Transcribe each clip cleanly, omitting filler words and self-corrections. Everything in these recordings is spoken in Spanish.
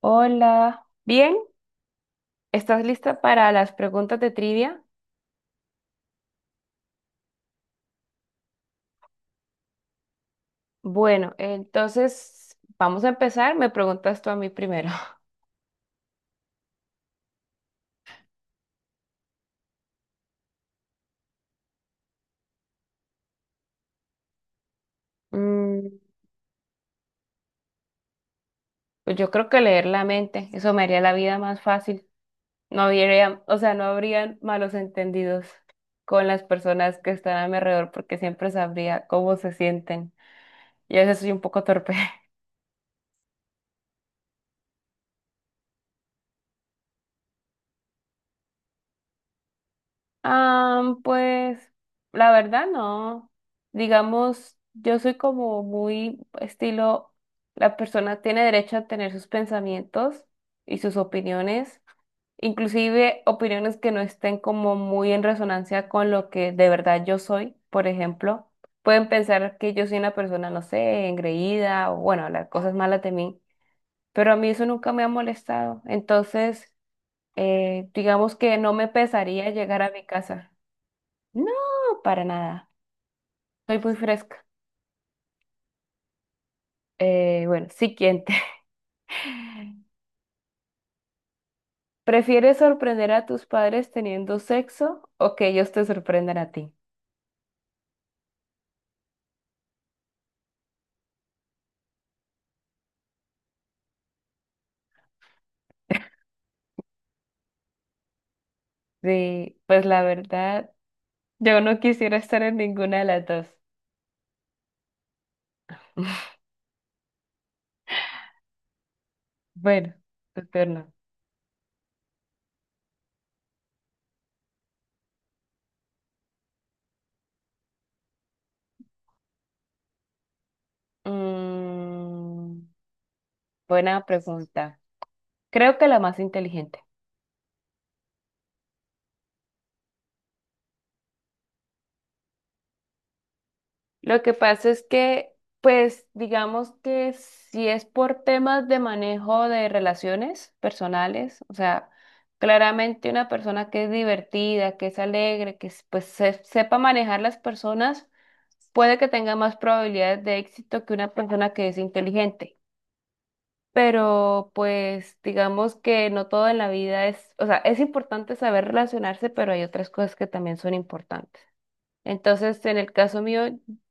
Hola, bien, ¿estás lista para las preguntas de trivia? Bueno, entonces vamos a empezar. Me preguntas tú a mí primero. Mm, pues yo creo que leer la mente, eso me haría la vida más fácil. No habría, o sea, no habrían malos entendidos con las personas que están a mi alrededor porque siempre sabría cómo se sienten. Y a veces soy un poco torpe. Ah, pues la verdad no. Digamos, yo soy como muy estilo, la persona tiene derecho a tener sus pensamientos y sus opiniones, inclusive opiniones que no estén como muy en resonancia con lo que de verdad yo soy, por ejemplo. Pueden pensar que yo soy una persona, no sé, engreída o bueno, las cosas malas de mí, pero a mí eso nunca me ha molestado. Entonces, digamos que no me pesaría llegar a mi casa. No, para nada. Soy muy fresca. Bueno, siguiente. ¿Prefieres sorprender a tus padres teniendo sexo o que ellos te sorprendan a ti? Sí, pues la verdad, yo no quisiera estar en ninguna de las dos. Bueno, tu turno. Mm, buena pregunta. Creo que la más inteligente. Lo que pasa es que, pues, digamos que si es por temas de manejo de relaciones personales, o sea, claramente una persona que es divertida, que es alegre, pues sepa manejar las personas, puede que tenga más probabilidades de éxito que una persona que es inteligente. Pero pues digamos que no todo en la vida es, o sea, es importante saber relacionarse, pero hay otras cosas que también son importantes. Entonces, en el caso mío,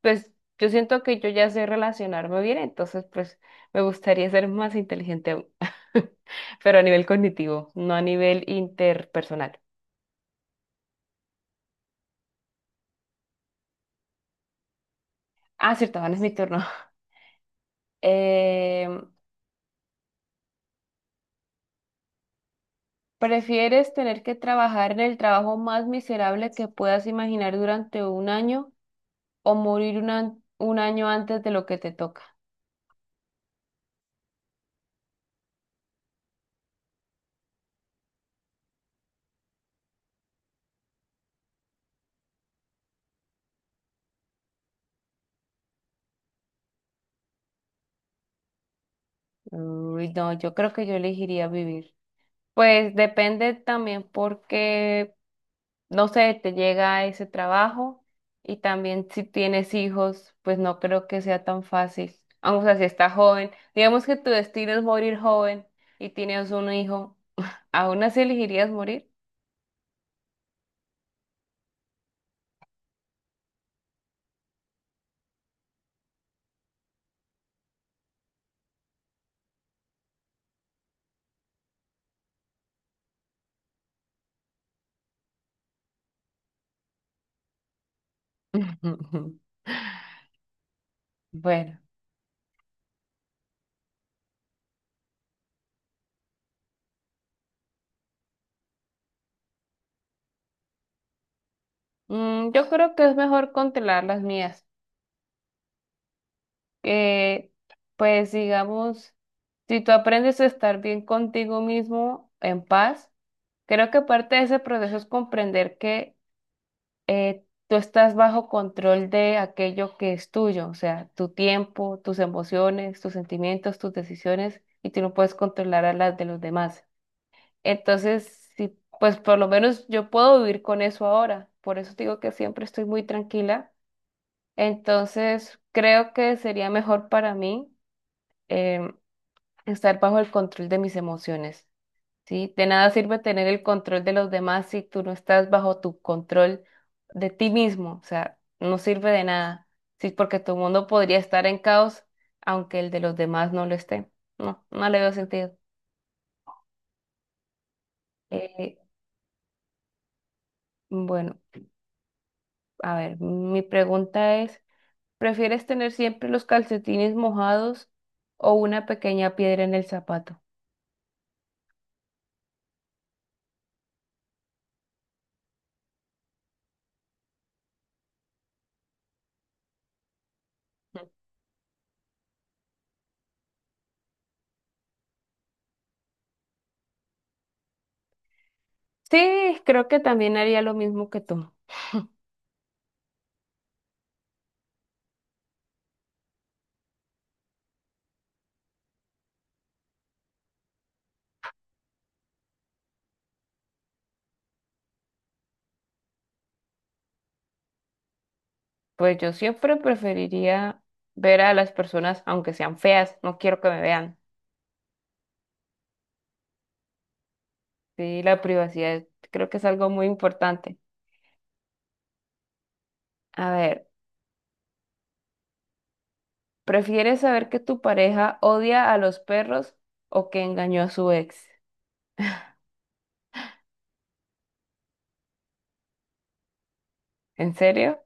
pues yo siento que yo ya sé relacionarme bien, entonces pues me gustaría ser más inteligente aún, pero a nivel cognitivo, no a nivel interpersonal. Ah, cierto, ahora es mi turno. Eh, ¿prefieres tener que trabajar en el trabajo más miserable que puedas imaginar durante un año o morir un año antes de lo que te toca? Uy, no, yo creo que yo elegiría vivir. Pues depende también porque no sé, te llega ese trabajo y también si tienes hijos, pues no creo que sea tan fácil. Aunque, o sea, si estás joven, digamos que tu destino es morir joven y tienes un hijo, ¿aún así elegirías morir? Bueno, yo creo que es mejor controlar las mías. Eh, pues digamos, si tú aprendes a estar bien contigo mismo, en paz, creo que parte de ese proceso es comprender que tú estás bajo control de aquello que es tuyo, o sea, tu tiempo, tus emociones, tus sentimientos, tus decisiones, y tú no puedes controlar a las de los demás. Entonces, sí, pues por lo menos yo puedo vivir con eso ahora. Por eso te digo que siempre estoy muy tranquila. Entonces, creo que sería mejor para mí em, estar bajo el control de mis emociones. ¿Sí? De nada sirve tener el control de los demás si tú no estás bajo tu control de ti mismo, o sea, no sirve de nada, ¿sí? Porque tu mundo podría estar en caos aunque el de los demás no lo esté. No, no le veo sentido. Eh, bueno, a ver, mi pregunta es, ¿prefieres tener siempre los calcetines mojados o una pequeña piedra en el zapato? Sí, creo que también haría lo mismo que tú. Pues yo siempre preferiría ver a las personas, aunque sean feas, no quiero que me vean. Sí, la privacidad creo que es algo muy importante. A ver, ¿prefieres saber que tu pareja odia a los perros o que engañó a su ex? ¿En serio?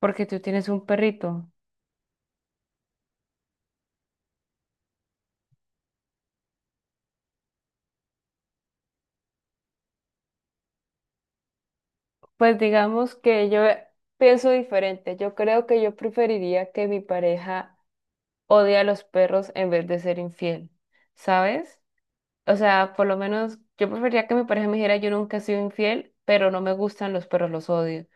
Porque tú tienes un perrito. Pues digamos que yo pienso diferente. Yo creo que yo preferiría que mi pareja odie a los perros en vez de ser infiel, ¿sabes? O sea, por lo menos yo preferiría que mi pareja me dijera yo nunca he sido infiel, pero no me gustan los perros, los odio.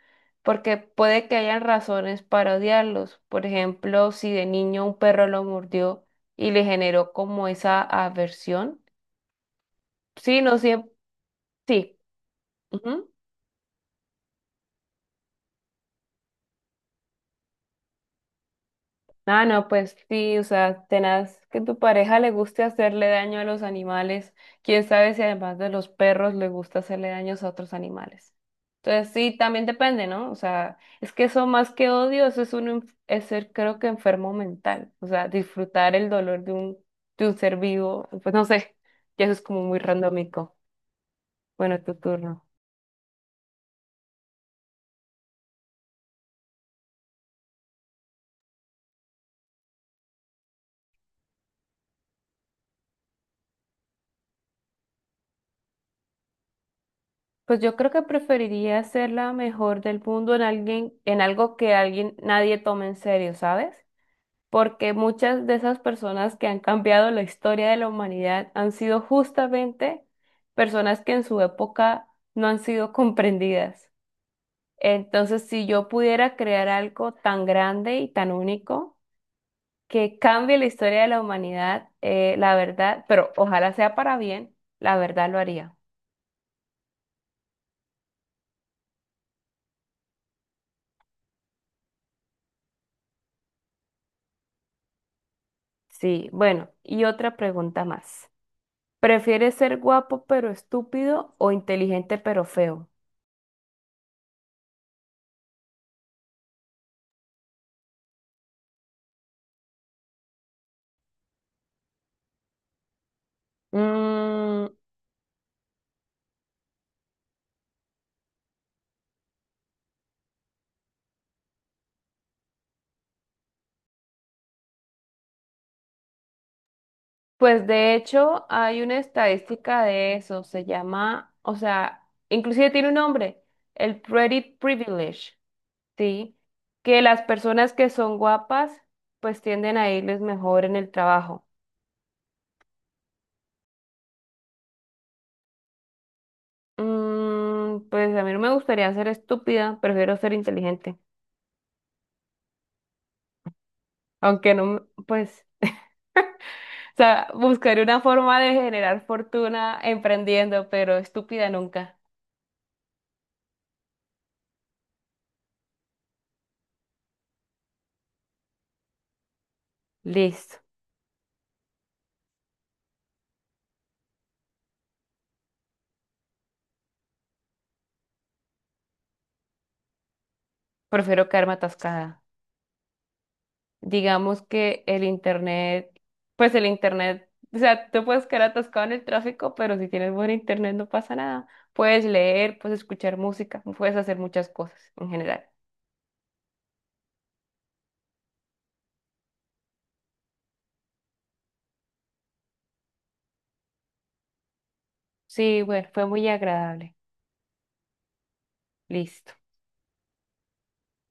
Porque puede que hayan razones para odiarlos. Por ejemplo, si de niño un perro lo mordió y le generó como esa aversión. Sí, no siempre. Sí. Ah, no, pues sí, o sea, tenaz que tu pareja le guste hacerle daño a los animales. Quién sabe si además de los perros le gusta hacerle daños a otros animales. Entonces sí, también depende, ¿no? O sea, es que eso más que odio, eso es un, es ser creo que enfermo mental. O sea, disfrutar el dolor de un ser vivo, pues no sé, ya eso es como muy randómico. Bueno, tu turno. Pues yo creo que preferiría ser la mejor del mundo en alguien, en algo que alguien, nadie tome en serio, ¿sabes? Porque muchas de esas personas que han cambiado la historia de la humanidad han sido justamente personas que en su época no han sido comprendidas. Entonces, si yo pudiera crear algo tan grande y tan único que cambie la historia de la humanidad, la verdad, pero ojalá sea para bien, la verdad lo haría. Sí, bueno, y otra pregunta más. ¿Prefieres ser guapo pero estúpido o inteligente pero feo? Mm, pues de hecho hay una estadística de eso, se llama, o sea, inclusive tiene un nombre, el pretty privilege, ¿sí? Que las personas que son guapas pues tienden a irles mejor en el trabajo. Mm, pues a mí no me gustaría ser estúpida, prefiero ser inteligente, aunque no, me- pues, o sea, buscaré una forma de generar fortuna emprendiendo, pero estúpida nunca. Listo, prefiero quedarme atascada. Digamos que el internet, pues el internet, o sea, tú puedes quedar atascado en el tráfico, pero si tienes buen internet no pasa nada. Puedes leer, puedes escuchar música, puedes hacer muchas cosas en general. Sí, bueno, fue muy agradable. Listo.